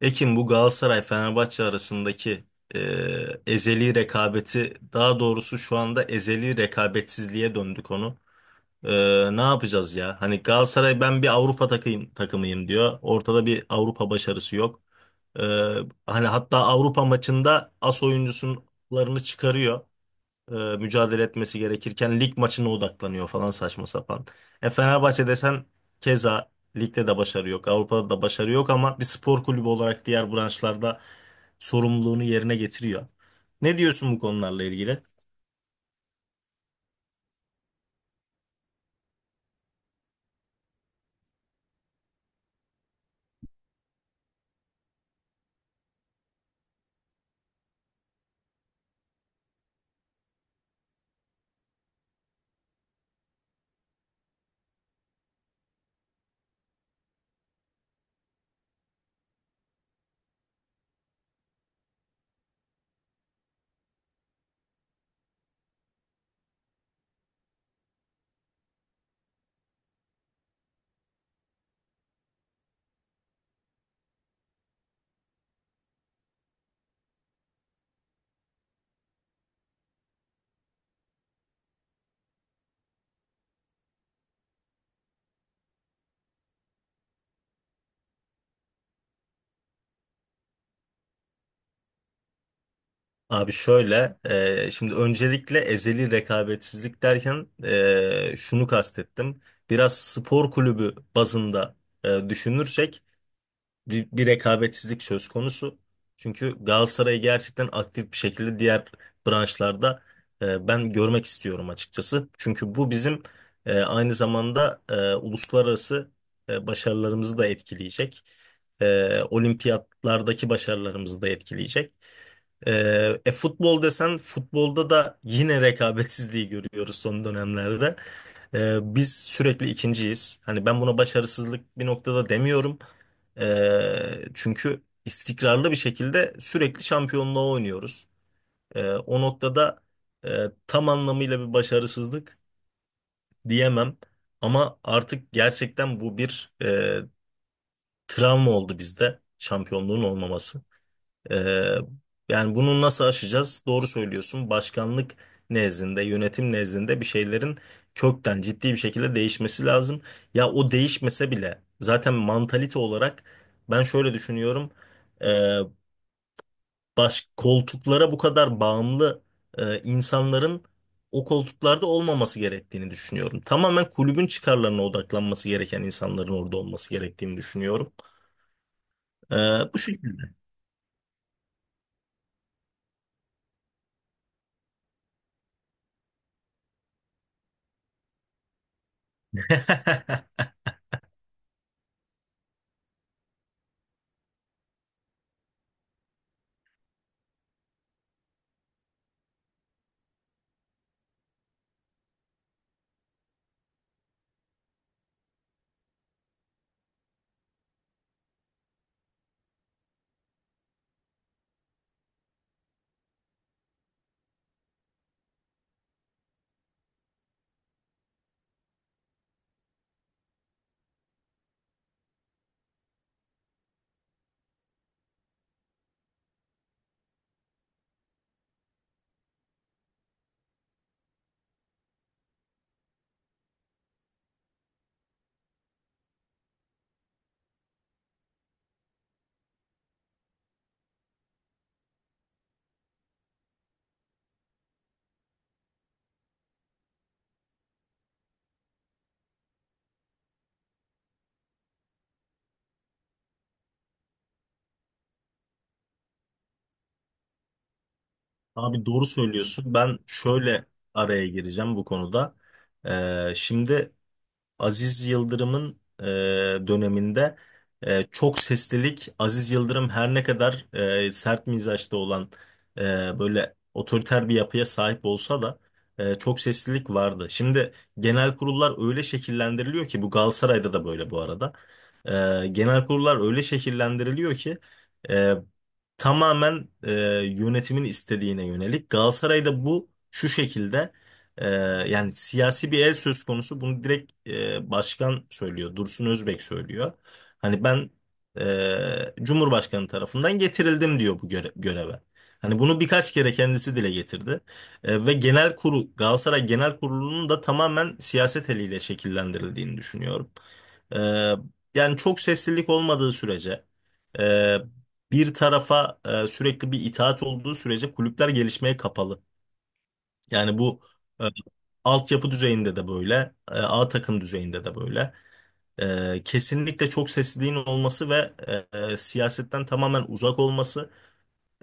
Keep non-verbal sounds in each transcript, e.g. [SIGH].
Ekin, bu Galatasaray-Fenerbahçe arasındaki ezeli rekabeti, daha doğrusu şu anda ezeli rekabetsizliğe döndü konu. Ne yapacağız ya? Hani Galatasaray ben bir Avrupa takımıyım diyor. Ortada bir Avrupa başarısı yok. Eee, Hani hatta Avrupa maçında as oyuncularını çıkarıyor, mücadele etmesi gerekirken lig maçına odaklanıyor falan, saçma sapan. Fenerbahçe desen keza ligde de başarı yok, Avrupa'da da başarı yok, ama bir spor kulübü olarak diğer branşlarda sorumluluğunu yerine getiriyor. Ne diyorsun bu konularla ilgili? Abi şöyle, şimdi öncelikle ezeli rekabetsizlik derken şunu kastettim. Biraz spor kulübü bazında düşünürsek bir rekabetsizlik söz konusu. Çünkü Galatasaray'ı gerçekten aktif bir şekilde diğer branşlarda ben görmek istiyorum açıkçası. Çünkü bu bizim aynı zamanda uluslararası başarılarımızı da etkileyecek. Olimpiyatlardaki başarılarımızı da etkileyecek. E, Futbol desen, futbolda da yine rekabetsizliği görüyoruz son dönemlerde. Biz sürekli ikinciyiz. Hani ben buna başarısızlık bir noktada demiyorum. Çünkü istikrarlı bir şekilde sürekli şampiyonluğa oynuyoruz. O noktada e, tam anlamıyla bir başarısızlık diyemem. Ama artık gerçekten bu bir travma oldu bizde, şampiyonluğun olmaması. Ee, Yani bunu nasıl aşacağız? Doğru söylüyorsun. Başkanlık nezdinde, yönetim nezdinde bir şeylerin kökten, ciddi bir şekilde değişmesi lazım. Ya o değişmese bile zaten mantalite olarak ben şöyle düşünüyorum. Ee, Koltuklara bu kadar bağımlı insanların o koltuklarda olmaması gerektiğini düşünüyorum. Tamamen kulübün çıkarlarına odaklanması gereken insanların orada olması gerektiğini düşünüyorum. Ee, Bu şekilde. [LAUGHS] Abi doğru söylüyorsun. Ben şöyle araya gireceğim bu konuda. Şimdi. Aziz Yıldırım'ın döneminde çok seslilik, Aziz Yıldırım her ne kadar sert mizaçta olan, e, böyle otoriter bir yapıya sahip olsa da çok seslilik vardı. Şimdi genel kurullar öyle şekillendiriliyor ki, bu Galatasaray'da da böyle bu arada. Genel kurullar öyle şekillendiriliyor ki e, tamamen yönetimin istediğine yönelik. Galatasaray'da bu şu şekilde: ee, yani siyasi bir el söz konusu, bunu direkt başkan söylüyor. Dursun Özbek söylüyor. Hani ben Cumhurbaşkanı tarafından getirildim diyor bu göreve. Hani bunu birkaç kere kendisi dile getirdi. Ve genel kurul, Galatasaray Genel Kurulu'nun da tamamen siyaset eliyle şekillendirildiğini düşünüyorum. E, Yani çok seslilik olmadığı sürece, e, bir tarafa sürekli bir itaat olduğu sürece kulüpler gelişmeye kapalı. Yani bu e, altyapı düzeyinde de böyle, A takım düzeyinde de böyle. Kesinlikle çok sesliliğin olması ve siyasetten tamamen uzak olması,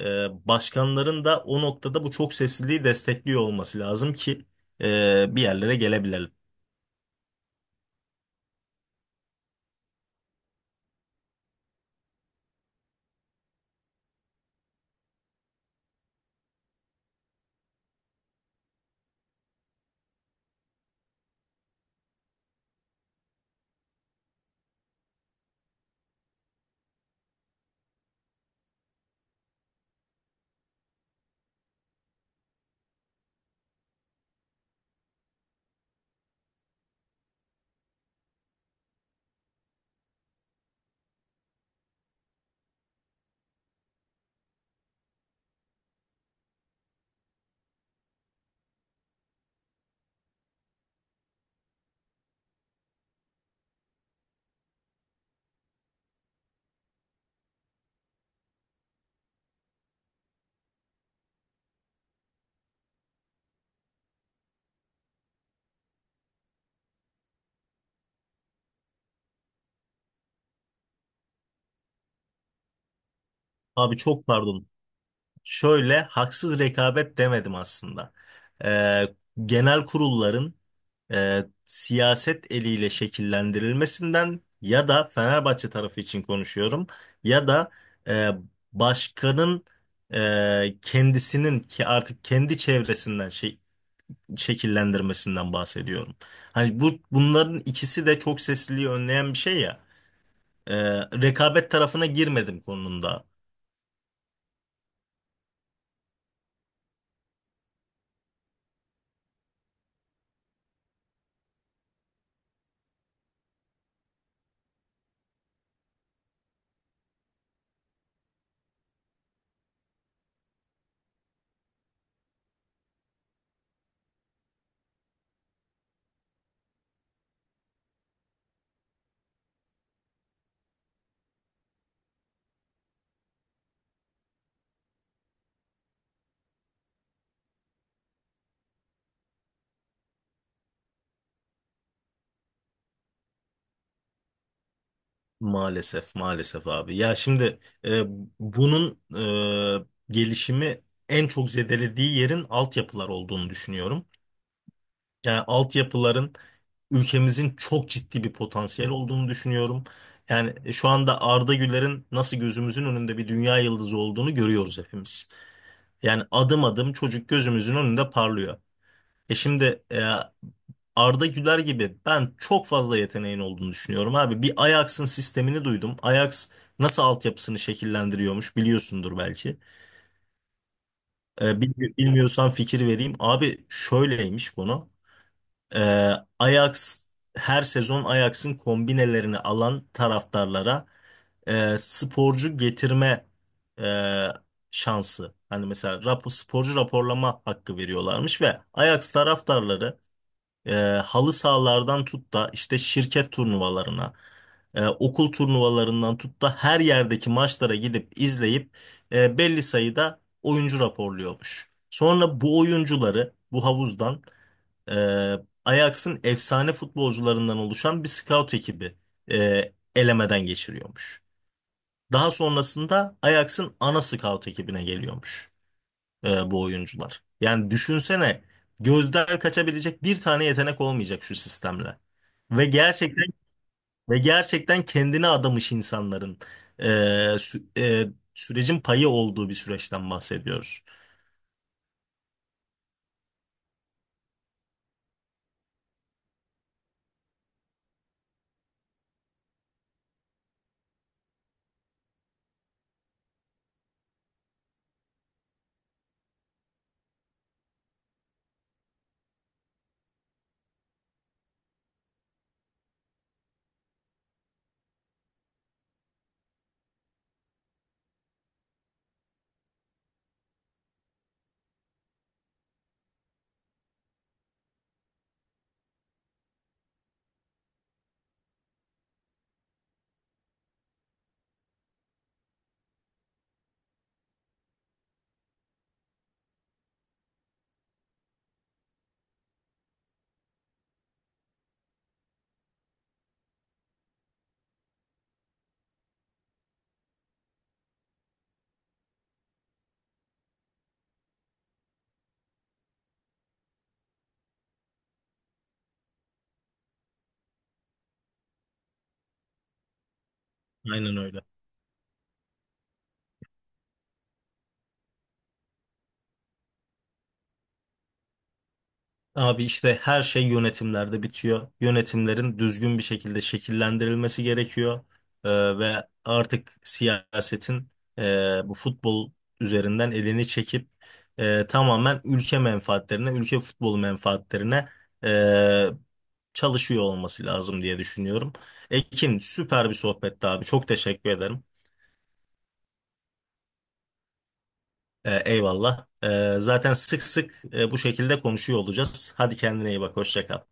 e, başkanların da o noktada bu çok sesliliği destekliyor olması lazım ki bir yerlere gelebilelim. Abi çok pardon. Şöyle haksız rekabet demedim aslında. E, Genel kurulların siyaset eliyle şekillendirilmesinden ya da Fenerbahçe tarafı için konuşuyorum, ya da e, başkanın kendisinin, ki artık kendi çevresinden şey şekillendirmesinden bahsediyorum. Hani bu, bunların ikisi de çok sesliliği önleyen bir şey ya. E, Rekabet tarafına girmedim konumda. Maalesef, maalesef, abi. Ya şimdi e, bunun e, gelişimi en çok zedelediği yerin altyapılar olduğunu düşünüyorum. Yani altyapıların, ülkemizin çok ciddi bir potansiyel olduğunu düşünüyorum. Yani şu anda Arda Güler'in nasıl gözümüzün önünde bir dünya yıldızı olduğunu görüyoruz hepimiz. Yani adım adım çocuk gözümüzün önünde parlıyor. E şimdi, Arda Güler gibi ben çok fazla yeteneğin olduğunu düşünüyorum abi. Bir Ajax'ın sistemini duydum. Ajax nasıl altyapısını şekillendiriyormuş biliyorsundur belki. Bilmiyorsan fikir vereyim. Abi şöyleymiş konu. Ee, Ajax, her sezon Ajax'ın kombinelerini alan taraftarlara sporcu getirme e, şansı. Hani mesela sporcu raporlama hakkı veriyorlarmış ve Ajax taraftarları e, halı sahalardan tut da işte şirket turnuvalarına, okul turnuvalarından tut da her yerdeki maçlara gidip izleyip belli sayıda oyuncu raporluyormuş. Sonra bu oyuncuları, bu havuzdan e, Ajax'ın efsane futbolcularından oluşan bir scout ekibi elemeden geçiriyormuş. Daha sonrasında Ajax'ın ana scout ekibine geliyormuş bu oyuncular. Yani düşünsene, gözden kaçabilecek bir tane yetenek olmayacak şu sistemle. Ve gerçekten ve gerçekten kendine adamış insanların e, sü- sürecin payı olduğu bir süreçten bahsediyoruz. Aynen öyle. Abi işte her şey yönetimlerde bitiyor. Yönetimlerin düzgün bir şekilde şekillendirilmesi gerekiyor. Ve artık siyasetin e, bu futbol üzerinden elini çekip tamamen ülke menfaatlerine, ülke futbolu menfaatlerine e, çalışıyor olması lazım diye düşünüyorum. Ekin, süper bir sohbetti abi. Çok teşekkür ederim. Eyvallah. Zaten sık sık bu şekilde konuşuyor olacağız. Hadi kendine iyi bak. Hoşça kal.